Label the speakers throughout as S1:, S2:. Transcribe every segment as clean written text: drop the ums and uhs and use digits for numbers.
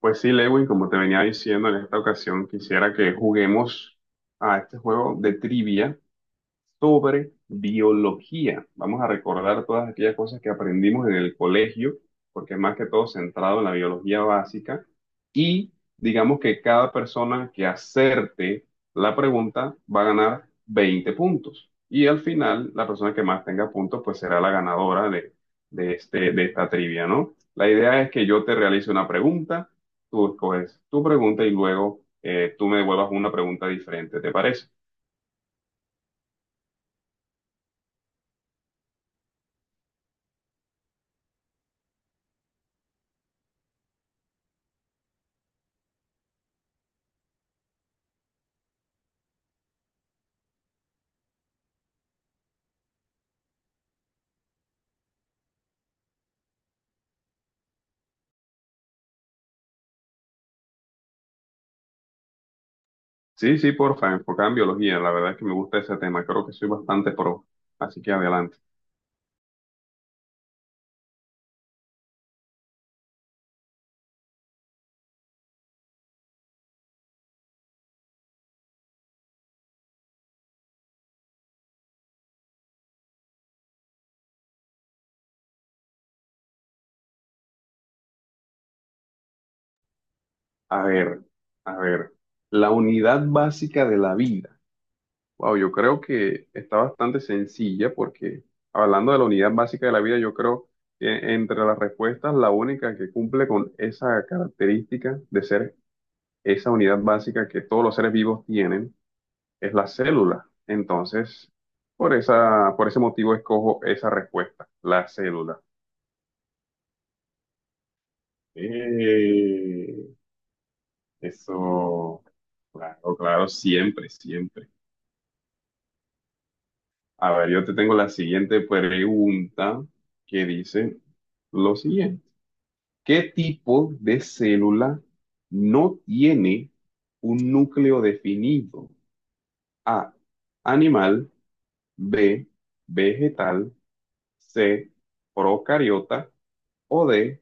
S1: Pues sí, Lewin, como te venía diciendo en esta ocasión, quisiera que juguemos a este juego de trivia sobre biología. Vamos a recordar todas aquellas cosas que aprendimos en el colegio, porque es más que todo centrado en la biología básica. Y digamos que cada persona que acerte la pregunta va a ganar 20 puntos. Y al final, la persona que más tenga puntos, pues será la ganadora de esta trivia, ¿no? La idea es que yo te realice una pregunta, tú escoges tu pregunta y luego tú me devuelvas una pregunta diferente, ¿te parece? Sí, sí, porfa, enfocada en biología. La verdad es que me gusta ese tema. Creo que soy bastante pro. Así que adelante. A ver, a ver. La unidad básica de la vida. Wow, yo creo que está bastante sencilla porque hablando de la unidad básica de la vida, yo creo que entre las respuestas, la única que cumple con esa característica de ser esa unidad básica que todos los seres vivos tienen es la célula. Entonces, por ese motivo escojo esa respuesta, la célula. Eh, eso, claro, claro, siempre, siempre. A ver, yo te tengo la siguiente pregunta que dice lo siguiente. ¿Qué tipo de célula no tiene un núcleo definido? A, animal, B, vegetal, C, procariota o D,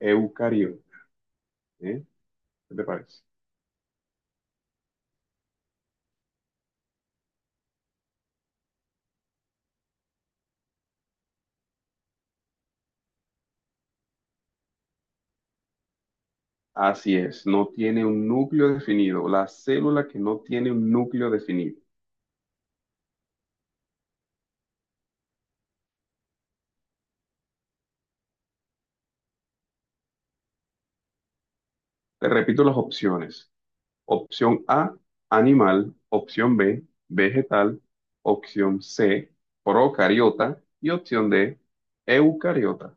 S1: eucariota. ¿Eh? ¿Qué te parece? Así es, no tiene un núcleo definido, la célula que no tiene un núcleo definido. Te repito las opciones. Opción A, animal, opción B, vegetal, opción C, procariota y opción D, eucariota.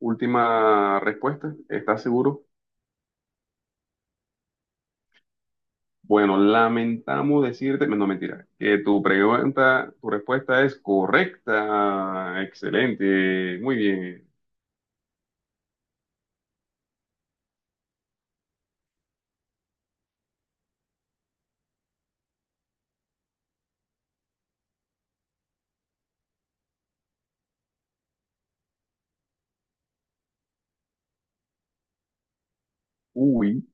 S1: Última respuesta, ¿estás seguro? Bueno, lamentamos decirte, no mentira, que tu pregunta, tu respuesta es correcta. Excelente, muy bien. Uy.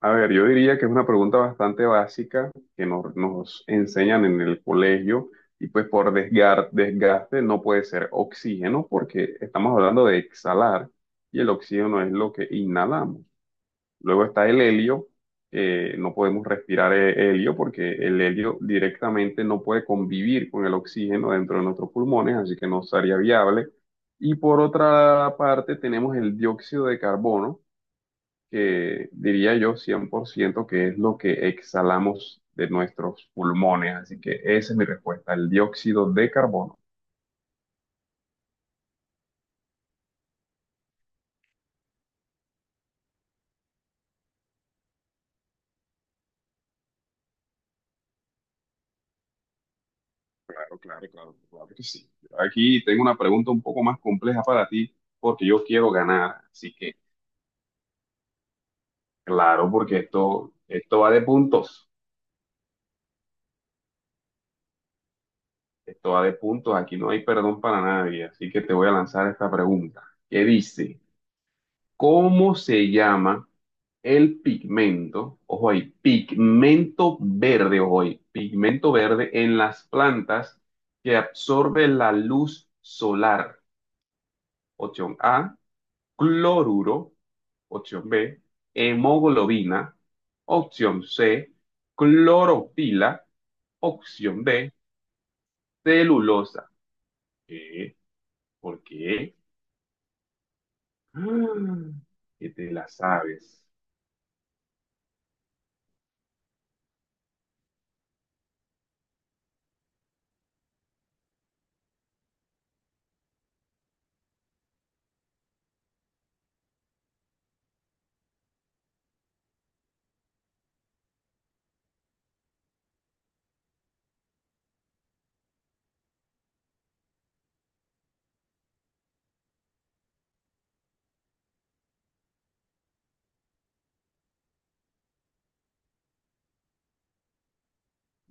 S1: A ver, yo diría que es una pregunta bastante básica que nos enseñan en el colegio y pues por desgaste no puede ser oxígeno porque estamos hablando de exhalar y el oxígeno es lo que inhalamos. Luego está el helio, no podemos respirar helio porque el helio directamente no puede convivir con el oxígeno dentro de nuestros pulmones, así que no sería viable. Y por otra parte tenemos el dióxido de carbono que diría yo 100% que es lo que exhalamos de nuestros pulmones. Así que esa es mi respuesta, el dióxido de carbono. Claro, claro, claro, claro que sí. Aquí tengo una pregunta un poco más compleja para ti porque yo quiero ganar. Así que, claro, porque esto va de puntos. Esto va de puntos. Aquí no hay perdón para nadie. Así que te voy a lanzar esta pregunta. ¿Qué dice? ¿Cómo se llama el pigmento? Ojo ahí, pigmento verde, ojo ahí, pigmento verde en las plantas que absorbe la luz solar. Opción A, cloruro. Opción B, hemoglobina. Opción C, clorofila. Opción D, celulosa. ¿Qué? ¿Por qué? Ah, que te la sabes.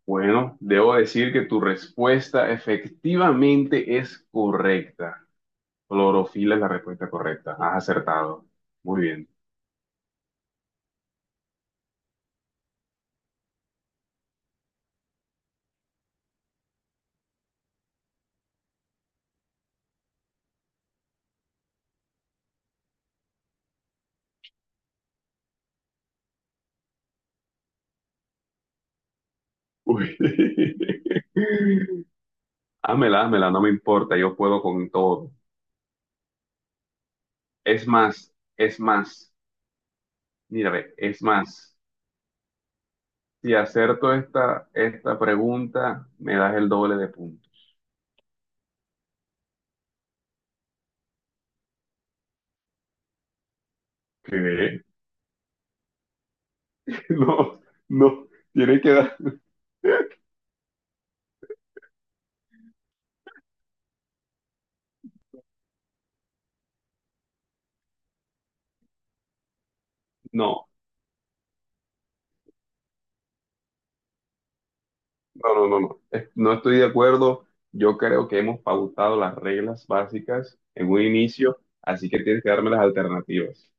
S1: Bueno, debo decir que tu respuesta efectivamente es correcta. Clorofila es la respuesta correcta. Has acertado. Muy bien. Uy. Hámela, hámela, no me importa, yo puedo con todo. Es más, mira, ve, es más. Si acerto esta pregunta, me das el doble de puntos. ¿Qué? No, no, tienes que dar. No. No, no, no, no. No estoy de acuerdo. Yo creo que hemos pautado las reglas básicas en un inicio, así que tienes que darme las alternativas.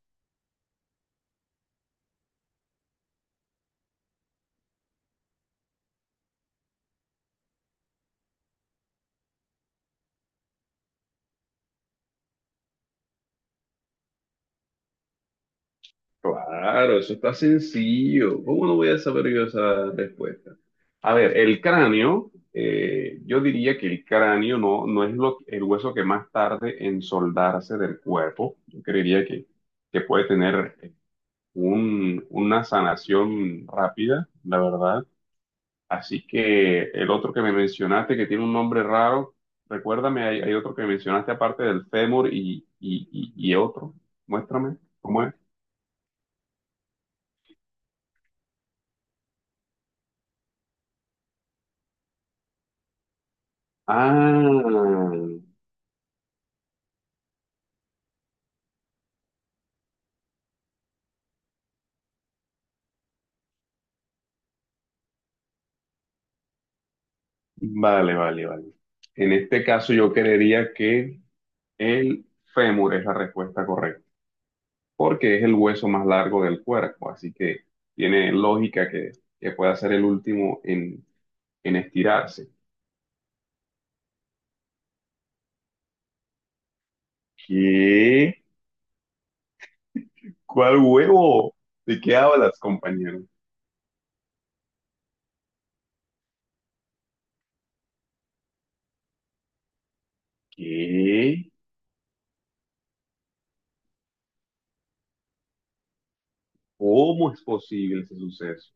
S1: Claro, eso está sencillo. ¿Cómo no voy a saber yo esa respuesta? A ver, el cráneo, yo diría que el cráneo no, no es el hueso que más tarde en soldarse del cuerpo. Yo creería que puede tener una sanación rápida, la verdad. Así que el otro que me mencionaste, que tiene un nombre raro, recuérdame, hay otro que mencionaste aparte del fémur y otro. Muéstrame, ¿cómo es? Ah, vale, vale, vale. En este caso yo creería que el fémur es la respuesta correcta, porque es el hueso más largo del cuerpo, así que tiene lógica que pueda ser el último en estirarse. ¿Qué? ¿Cuál huevo? ¿De qué hablas, compañero? ¿Qué? ¿Cómo es posible ese suceso?